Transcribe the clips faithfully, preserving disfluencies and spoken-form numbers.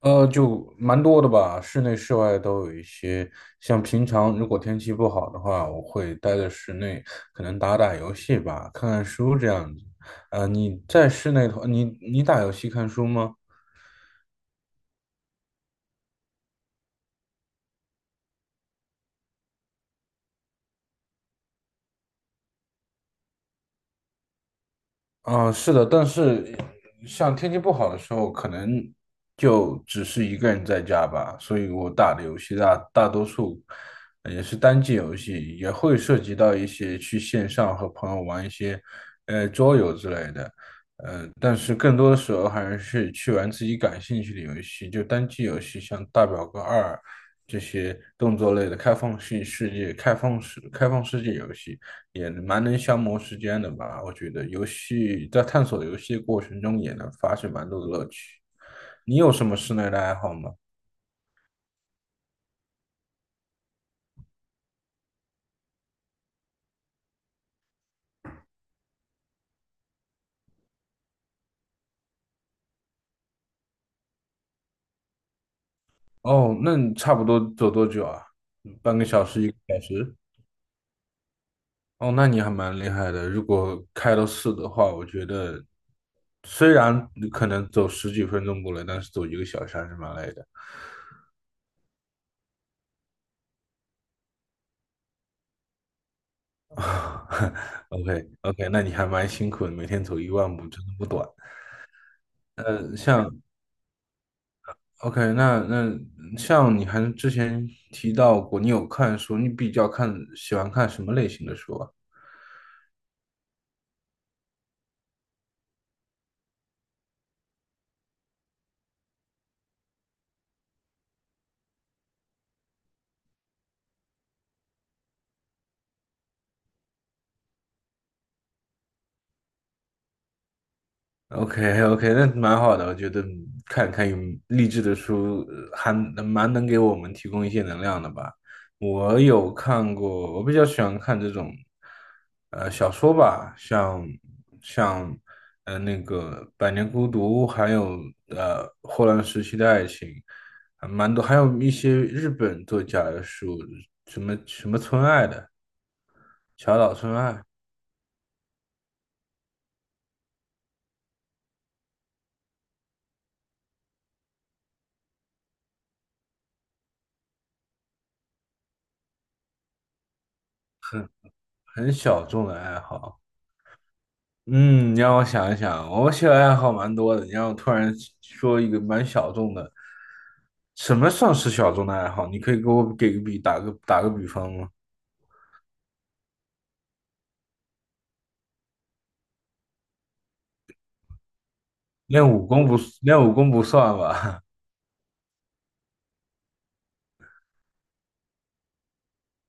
呃，就蛮多的吧，室内室外都有一些。像平常如果天气不好的话，我会待在室内，可能打打游戏吧，看看书这样子。呃，你在室内的话，你你打游戏看书吗？嗯，是的，但是像天气不好的时候，可能就只是一个人在家吧，所以我打的游戏大大多数呃也是单机游戏，也会涉及到一些去线上和朋友玩一些呃桌游之类的，呃，但是更多的时候还是去玩自己感兴趣的游戏，就单机游戏，像《大表哥二》这些动作类的开放性世界、开放式开放世界游戏。也蛮能消磨时间的吧。我觉得游戏在探索游戏的过程中也能发现蛮多的乐趣。你有什么室内的爱好吗？哦，那你差不多走多久啊？半个小时，一个小时？哦，那你还蛮厉害的。如果开到四的话，我觉得虽然你可能走十几分钟过来，但是走一个小时还是蛮累的。OK OK，那你还蛮辛苦的，每天走一万步真的不短。呃，像 OK，那那像你还之前提到过，你有看书，你比较看喜欢看什么类型的书啊？OK OK，那蛮好的，我觉得看看有励志的书，呃还蛮能给我们提供一些能量的吧。我有看过，我比较喜欢看这种，呃，小说吧，像像呃那个《百年孤独》，还有呃《霍乱时期的爱情》，还蛮多，还有一些日本作家的书，什么什么村爱的，小岛村爱，很小众的爱好。嗯，你让我想一想，我兴趣爱好蛮多的。你让我突然说一个蛮小众的，什么算是小众的爱好？你可以给我给个比，打个打个比方吗？练武功不，练武功不算吧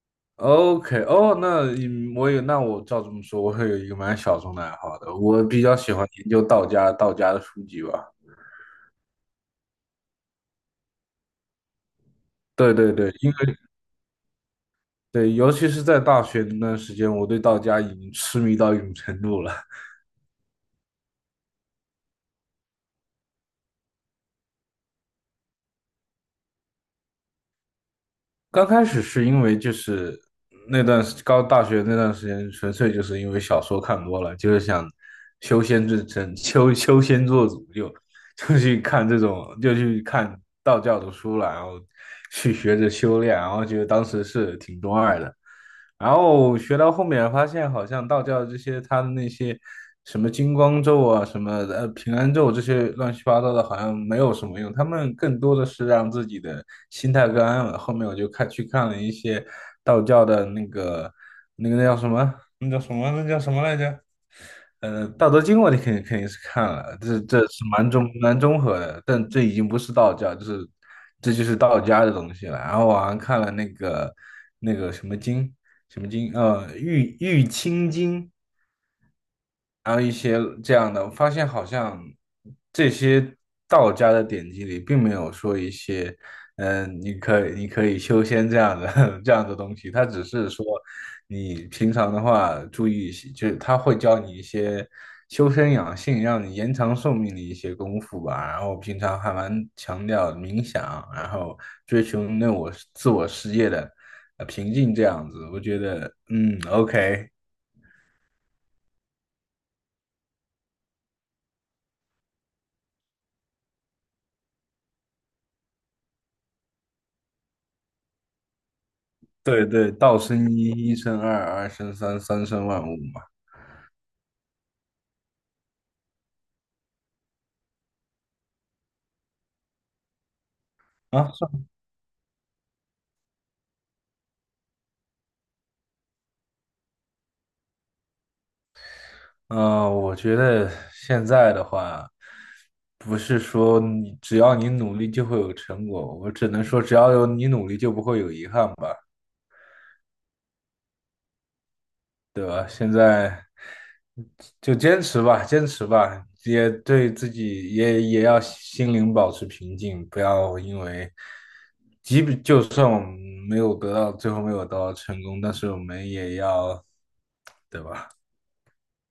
？OK，哦，那嗯我也那我照这么说，我会有一个蛮小众的爱好的。我比较喜欢研究道家道家的书籍吧。对对对，因为对，尤其是在大学那段时间，我对道家已经痴迷到一种程度了。刚开始是因为就是那段时高大学那段时间，纯粹就是因为小说看多了，就是想修仙之成修修仙做主就，就去看这种，就去看道教的书了，然后去学着修炼，然后觉得当时是挺中二的。然后学到后面发现，好像道教这些他的那些什么金光咒啊、什么呃平安咒这些乱七八糟的，好像没有什么用。他们更多的是让自己的心态更安稳。后面我就看去看了一些道教的那个那个那叫什么？那叫什么？那叫什么来着？呃，《道德经》我肯定肯定是看了，这这是蛮中蛮综合的，但这已经不是道教，就是这就是道家的东西了。然后我还看了那个那个什么经，什么经，呃，玉玉清经，然后一些这样的，我发现好像这些道家的典籍里，并没有说一些，嗯，你可你可以修仙这样的 这样的东西，它只是说你平常的话注意一些就是他会教你一些修身养性，让你延长寿命的一些功夫吧。然后平常还蛮强调冥想，然后追求那我自我世界的呃平静这样子，我觉得，嗯，OK。对对，道生一，一生二，二生三，三生万物嘛。啊，是。嗯、呃我觉得现在的话，不是说你只要你努力就会有成果，我只能说只要有你努力就不会有遗憾吧，对吧？现在就坚持吧，坚持吧，也对自己也也要心灵保持平静，不要因为，即便就算我们没有得到，最后没有得到成功，但是我们也要，对吧？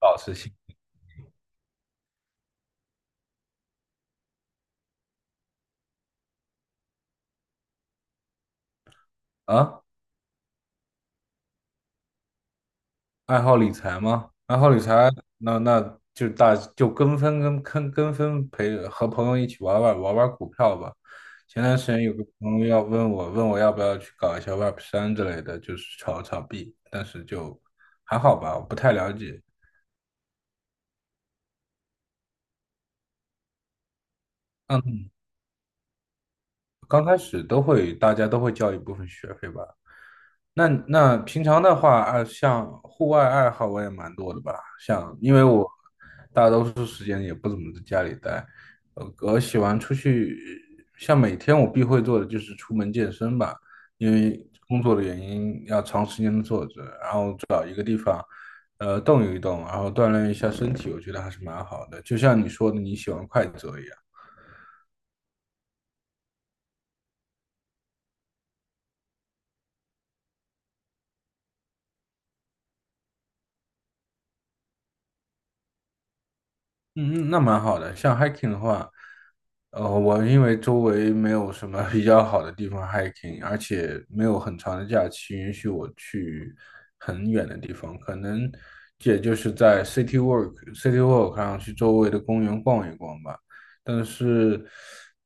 保持兴啊，爱好理财吗？爱好理财，那那就大就跟风跟跟跟风陪和朋友一起玩玩玩玩股票吧。前段时间有个朋友要问我，问我要不要去搞一下 Web 三之类的，就是炒炒币，但是就还好吧，我不太了解。嗯，刚开始都会大家都会交一部分学费吧，那那平常的话，啊，像户外爱好我也蛮多的吧，像因为我大多数时间也不怎么在家里待，呃，我喜欢出去，像每天我必会做的就是出门健身吧，因为工作的原因要长时间的坐着，然后找一呃动一动，然后锻炼一下身体，我觉得还是蛮好的。就像你说的，你喜欢快走一样。嗯，那蛮好的。像 hiking 的话，呃，我因为周围没有什么比较好的地方 hiking，而且没有很长的假期允许我去很远的地方，可能也就是在 city walk city walk 上去周围的公园逛一逛吧。但是，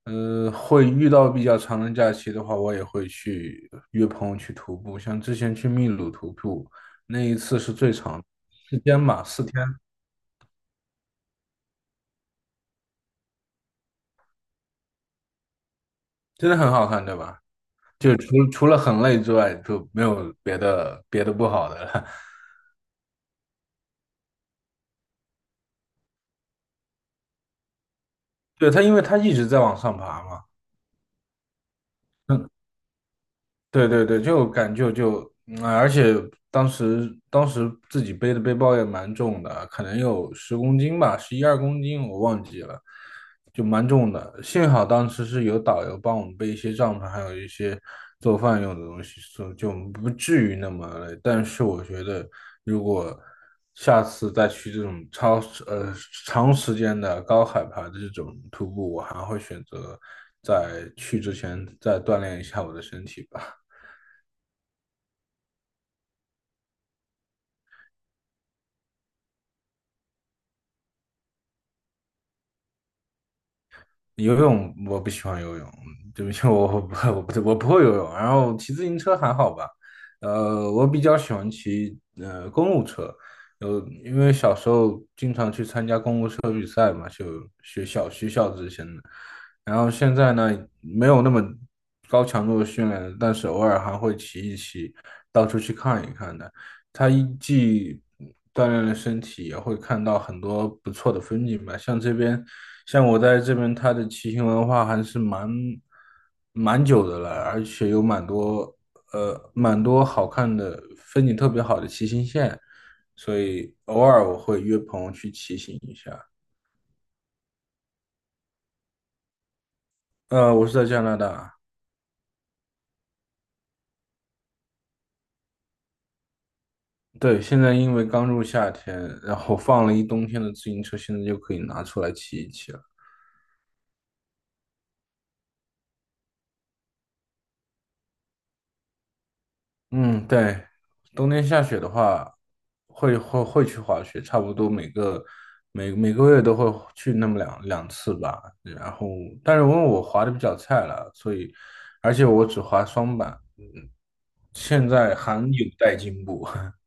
呃，会遇到比较长的假期的话，我也会去约朋友去徒步。像之前去秘鲁徒步，那一次是最长，四天吧，四天，真的很好看，对吧？就除除了很累之外，就没有别的别的不好的了。对，他，因为他一直在往上爬嘛。嗯对对对，就感觉就，嗯，而且当时当时自己背的背包也蛮重的，可能有十公斤吧，十一二公斤我忘记了，就蛮重的。幸好当时是有导游帮我们背一些帐篷，还有一些做饭用的东西，所以就不至于那么累。但是我觉得，如果下次再去这种超呃长时间的高海拔的这种徒步，我还会选择在去之前再锻炼一下我的身体吧。游泳我不喜欢游泳，对不起，我我不我不我不会游泳。然后骑自行车还好吧，呃，我比较喜欢骑呃公路车，呃，因为小时候参加公路车比赛嘛，就学校学校之前的。然后现在呢，没有那么高强度的训练了但是偶尔还会骑一骑，到处去看一看的。他一既锻炼了身体，也会看到很多不错的风景吧。像这边，像我在这边，它的骑行文化还是蛮蛮久的了，而且有蛮多呃蛮多好看的风景特别好的骑行线。所以偶尔我会约朋友去骑行一下。呃，我是在加拿大，对，现在因为刚入夏天，然后放了一冬天的自行车，现在就可以拿出来骑一骑了。嗯，对，冬天下雪的话，会会会去滑雪，差不多每个每每个月都会去那么两两次吧。然后，但是因为我滑的比较菜了，所以而且我只滑双板，嗯，现在还有待进步。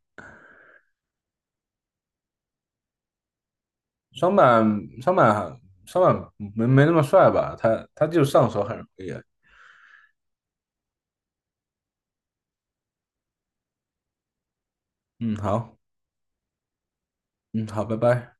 双板双板双板没没那么帅吧？他他就上手很容易。嗯，好，嗯，好，拜拜。